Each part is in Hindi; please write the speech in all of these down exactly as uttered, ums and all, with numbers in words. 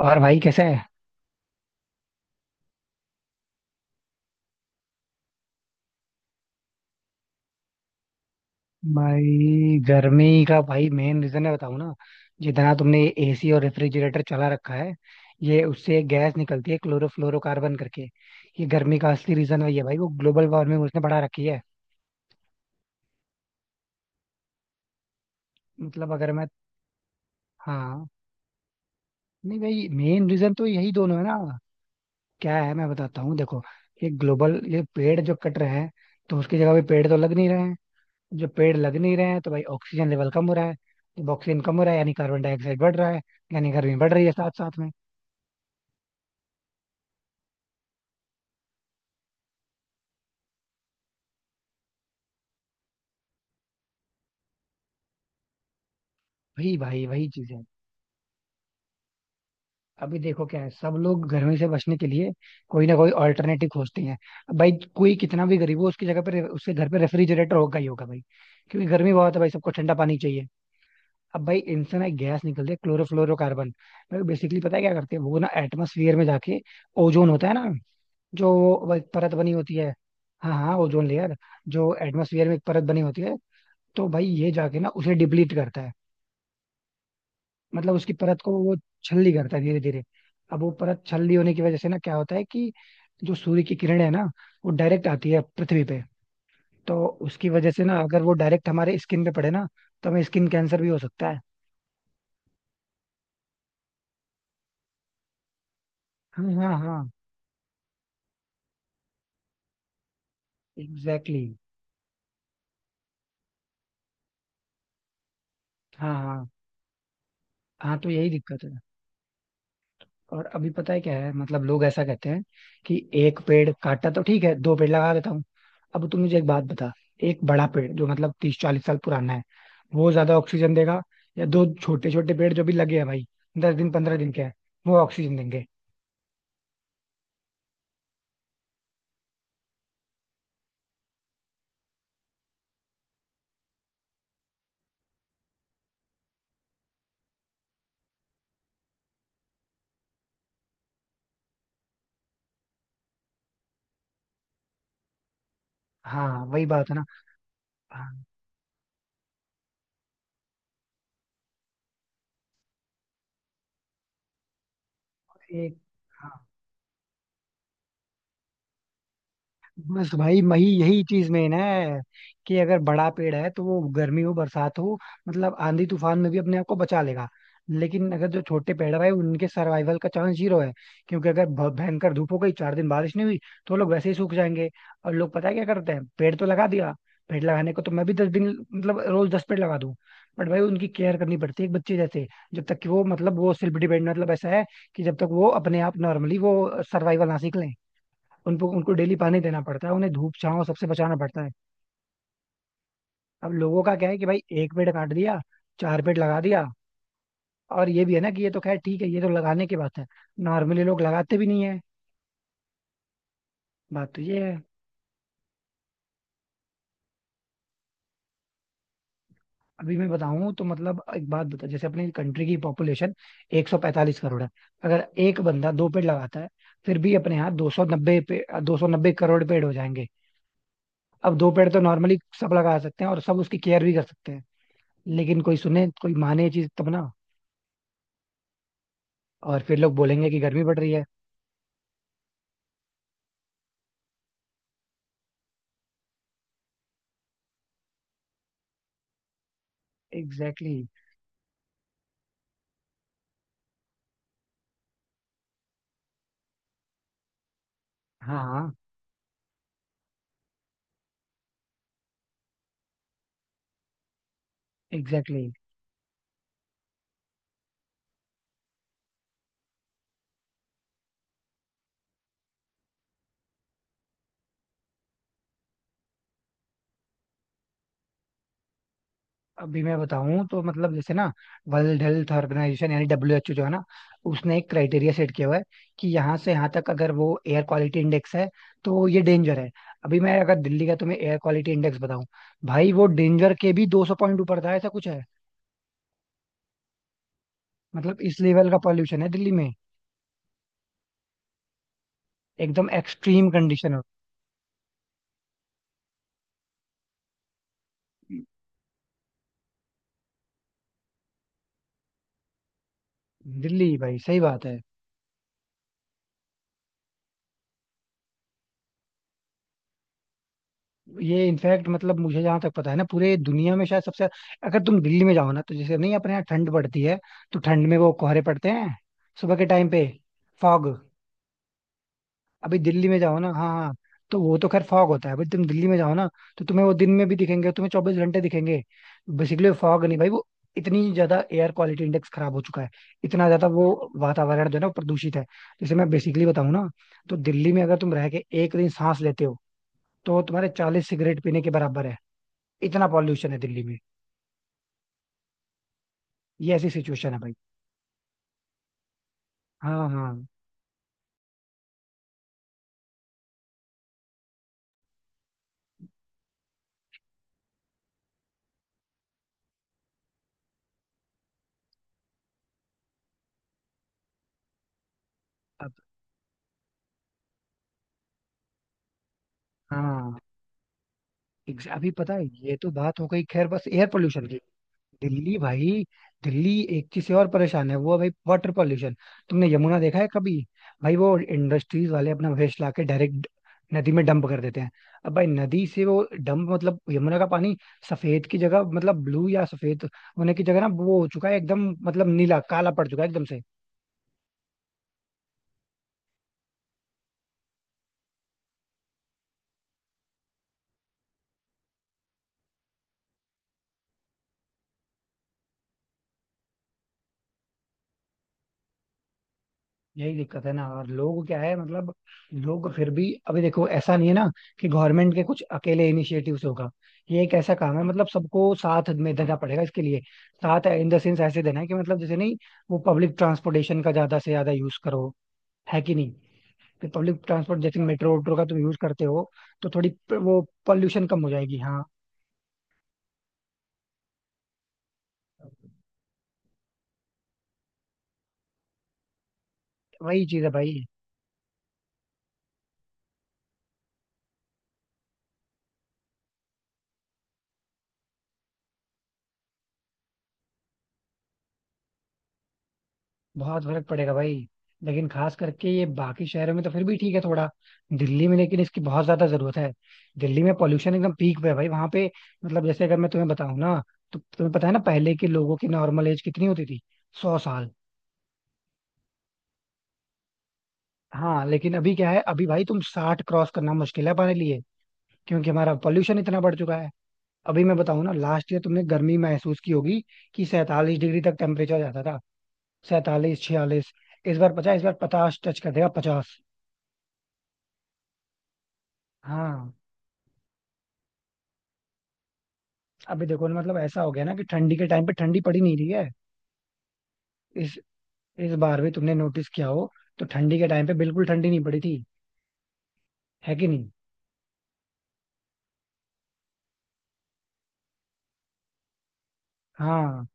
और भाई कैसे है। भाई गर्मी का भाई मेन रीजन है बताऊं ना। जितना तुमने एसी और रेफ्रिजरेटर चला रखा है, ये उससे एक गैस निकलती है क्लोरोफ्लोरोकार्बन करके। ये गर्मी का असली रीजन वही है भाई, वो ग्लोबल वार्मिंग उसने बढ़ा रखी है। मतलब अगर मैं। हाँ। नहीं भाई मेन रीजन तो यही दोनों है ना। क्या है, मैं बताता हूँ देखो। ये ग्लोबल ये पेड़ जो कट रहे हैं, तो उसकी जगह पे पेड़ तो लग नहीं रहे हैं। जब पेड़ लग नहीं रहे हैं तो भाई ऑक्सीजन लेवल कम हो रहा है। जब ऑक्सीजन कम हो रहा है यानी कार्बन डाइऑक्साइड बढ़ रहा है, यानी गर्मी बढ़ रही है साथ साथ में। वही भाई वही चीज है। अभी देखो क्या है, सब लोग गर्मी से बचने के लिए कोई ना कोई ऑल्टरनेटिव खोजते हैं। अब भाई कोई कितना भी गरीब हो उसकी जगह पर, उसके घर पे रेफ्रिजरेटर होगा ही होगा भाई। क्योंकि गर्मी बहुत है भाई, सबको ठंडा पानी चाहिए। अब भाई इनसे ना एक गैस निकलती है क्लोरोफ्लोरोकार्बन। भाई बेसिकली पता है क्या करते हैं वो ना, एटमोसफियर में जाके ओजोन होता है ना, जो वो एक परत बनी होती है। हाँ हाँ ओजोन लेयर, जो एटमोसफियर में एक परत बनी होती है, तो भाई ये जाके ना उसे डिप्लीट करता है। मतलब उसकी परत को वो छलनी करता है धीरे धीरे। अब वो परत छलनी होने की वजह से ना क्या होता है कि जो सूर्य की किरण है ना, वो डायरेक्ट आती है पृथ्वी पे। तो उसकी वजह से ना अगर वो डायरेक्ट हमारे स्किन पे पड़े ना, तो हमें स्किन कैंसर भी हो सकता है। हाँ हाँ हाँ एग्जैक्टली, हाँ हाँ हाँ तो यही दिक्कत है। और अभी पता है क्या है, मतलब लोग ऐसा कहते हैं कि एक पेड़ काटा तो ठीक है, दो पेड़ लगा देता हूँ। अब तू मुझे एक बात बता, एक बड़ा पेड़ जो मतलब तीस चालीस साल पुराना है, वो ज्यादा ऑक्सीजन देगा, या दो छोटे छोटे पेड़ जो भी लगे हैं भाई दस दिन पंद्रह दिन के हैं, वो ऑक्सीजन देंगे। हाँ वही बात है ना। हाँ। एक हाँ। बस भाई वही यही चीज मेन है कि अगर बड़ा पेड़ है तो वो गर्मी हो बरसात हो, मतलब आंधी तूफान में भी अपने आप को बचा लेगा। लेकिन अगर जो छोटे पेड़ है भाई, उनके सर्वाइवल का चांस जीरो है। क्योंकि अगर भ- भयंकर धूप हो गई, चार दिन बारिश नहीं हुई, तो लोग वैसे ही सूख जाएंगे। और लोग पता है क्या करते हैं, पेड़ तो लगा दिया। पेड़ लगाने को तो मैं भी दस दिन, मतलब रोज दस पेड़ लगा दूं, बट भाई उनकी केयर करनी पड़ती है एक बच्चे जैसे। जब तक कि वो मतलब वो सेल्फ डिपेंडेंट, मतलब ऐसा है कि जब तक वो अपने आप नॉर्मली वो सर्वाइवल ना सीख लें, उनको उनको डेली पानी देना पड़ता है, उन्हें धूप छांव सबसे बचाना पड़ता है। अब लोगों का क्या है कि भाई एक पेड़ काट दिया, चार पेड़ लगा दिया। और ये भी है ना कि ये तो खैर ठीक है, ये तो लगाने की बात है। नॉर्मली लोग लगाते भी नहीं है, बात तो ये है। अभी मैं बताऊं तो मतलब एक बात बता, जैसे अपनी कंट्री की पॉपुलेशन एक सौ पैंतालीस करोड़ है। अगर एक बंदा दो पेड़ लगाता है, फिर भी अपने यहाँ दो सौ नब्बे पे दो सौ नब्बे करोड़ पेड़ हो जाएंगे। अब दो पेड़ तो नॉर्मली सब लगा सकते हैं, और सब उसकी केयर भी कर सकते हैं। लेकिन कोई सुने कोई माने चीज तब ना। और फिर लोग बोलेंगे कि गर्मी बढ़ रही है। एग्जैक्टली exactly, हाँ हाँ एग्जैक्टली exactly। अभी मैं बताऊं तो मतलब जैसे ना वर्ल्ड हेल्थ ऑर्गेनाइजेशन यानी डब्ल्यू एच ओ जो है ना, उसने एक क्राइटेरिया सेट किया हुआ है कि यहाँ से यहाँ तक अगर वो एयर क्वालिटी इंडेक्स है, तो ये डेंजर है। अभी मैं अगर दिल्ली का तुम्हें एयर क्वालिटी इंडेक्स बताऊं, भाई वो डेंजर के भी दो सौ पॉइंट ऊपर था, ऐसा कुछ है। मतलब इस लेवल का पॉल्यूशन है दिल्ली में, एकदम एक्सट्रीम कंडीशन है दिल्ली भाई, सही बात है। ये इनफैक्ट मतलब मुझे जहां तक पता है ना, पूरे दुनिया में शायद सबसे। अगर तुम दिल्ली में जाओ ना, तो जैसे नहीं अपने यहाँ ठंड पड़ती है, तो ठंड में वो कोहरे पड़ते हैं सुबह के टाइम पे, फॉग। अभी दिल्ली में जाओ ना, हाँ हाँ तो वो तो खैर फॉग होता है, बट तुम दिल्ली में जाओ ना, तो तुम्हें वो दिन में भी दिखेंगे, तुम्हें चौबीस घंटे दिखेंगे। बेसिकली फॉग नहीं भाई वो, इतनी ज्यादा एयर क्वालिटी इंडेक्स खराब हो चुका है, इतना ज्यादा वो वातावरण जो है ना, वो प्रदूषित है। जैसे मैं बेसिकली बताऊं ना, तो दिल्ली में अगर तुम रह के एक दिन सांस लेते हो, तो तुम्हारे चालीस सिगरेट पीने के बराबर है। इतना पॉल्यूशन है दिल्ली में, ये ऐसी सिचुएशन है भाई। हाँ हाँ। अब हाँ ex- अभी पता है ये तो बात हो गई खैर, बस एयर पोल्यूशन की। दिल्ली भाई, दिल्ली एक चीज से और परेशान है, वो है भाई वाटर पोल्यूशन। तुमने यमुना देखा है कभी, भाई वो इंडस्ट्रीज वाले अपना वेस्ट ला के डायरेक्ट नदी में डंप कर देते हैं। अब भाई नदी से वो डंप, मतलब यमुना का पानी सफेद की जगह, मतलब ब्लू या सफेद होने की जगह ना, वो हो चुका है एकदम, मतलब नीला काला पड़ चुका है एकदम से। यही दिक्कत है ना। और लोग क्या है, मतलब लोग फिर भी, अभी देखो ऐसा नहीं है ना कि गवर्नमेंट के कुछ अकेले इनिशिएटिव से होगा। ये एक ऐसा काम है, मतलब सबको साथ में देना पड़ेगा इसके लिए। साथ इन द सेंस ऐसे देना है कि मतलब जैसे नहीं, वो पब्लिक ट्रांसपोर्टेशन का ज्यादा से ज्यादा यूज करो, है कि नहीं, कि पब्लिक ट्रांसपोर्ट जैसे मेट्रो वेट्रो का तुम यूज करते हो, तो थोड़ी प- वो पॉल्यूशन कम हो जाएगी। हाँ वही चीज है भाई, बहुत फर्क पड़ेगा भाई। लेकिन खास करके ये बाकी शहरों में तो फिर भी ठीक है थोड़ा, दिल्ली में लेकिन इसकी बहुत ज्यादा जरूरत है। दिल्ली में पॉल्यूशन एकदम पीक पे है भाई वहां पे। मतलब जैसे अगर मैं तुम्हें बताऊं ना, तो तुम्हें पता है ना पहले के लोगों की नॉर्मल एज कितनी होती थी, सौ साल। हाँ लेकिन अभी क्या है, अभी भाई तुम साठ क्रॉस करना मुश्किल है हमारे लिए, क्योंकि हमारा पॉल्यूशन इतना बढ़ चुका है। अभी मैं बताऊं ना, लास्ट ईयर तुमने गर्मी महसूस की होगी कि सैंतालीस डिग्री तक टेम्परेचर जाता था, सैंतालीस छियालीस। इस बार पचास, इस बार पचास टच कर देगा पचास। हाँ। अभी देखो ना, मतलब ऐसा हो गया ना कि ठंडी के टाइम पे ठंडी पड़ी नहीं रही है। इस इस बार भी तुमने नोटिस किया हो, तो ठंडी के टाइम पे बिल्कुल ठंडी नहीं पड़ी थी, है कि नहीं। हाँ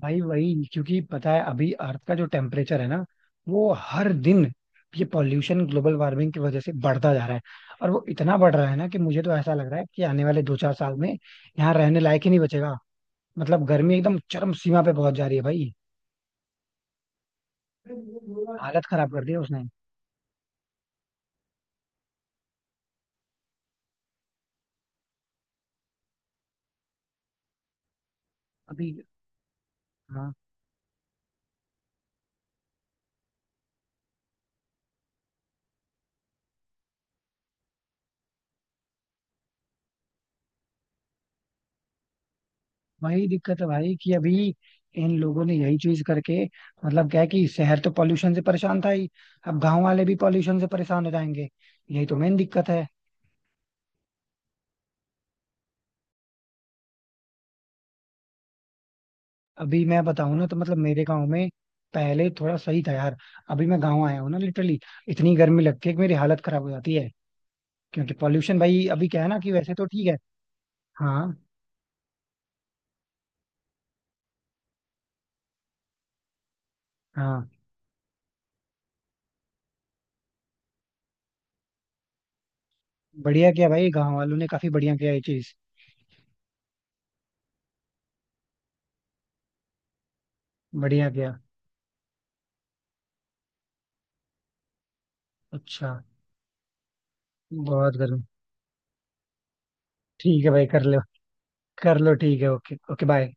भाई वही, क्योंकि पता है अभी अर्थ का जो टेम्परेचर है ना, वो हर दिन ये पॉल्यूशन ग्लोबल वार्मिंग की वजह से बढ़ता जा रहा है। और वो इतना बढ़ रहा है ना कि मुझे तो ऐसा लग रहा है कि आने वाले दो चार साल में यहाँ रहने लायक ही नहीं बचेगा। मतलब गर्मी एकदम चरम सीमा पे पहुंच जा रही है भाई, हालत खराब कर दी है उसने। अभी। हाँ वही दिक्कत है भाई कि अभी इन लोगों ने यही चीज करके, मतलब क्या है कि शहर तो पॉल्यूशन से परेशान था ही, अब गांव वाले भी पॉल्यूशन से परेशान हो जाएंगे। यही तो मेन दिक्कत है। अभी मैं बताऊं ना तो मतलब मेरे गांव में पहले थोड़ा सही था यार। अभी मैं गांव आया हूँ ना लिटरली, इतनी गर्मी लगती है कि मेरी हालत खराब हो जाती है, क्योंकि पॉल्यूशन भाई। अभी क्या है ना कि वैसे तो ठीक है। हाँ हाँ। बढ़िया किया भाई, गांव वालों ने काफी बढ़िया किया ये चीज, बढ़िया किया। अच्छा, बहुत गर्मी। ठीक है भाई कर लो, कर लो ठीक है, ओके ओके बाय।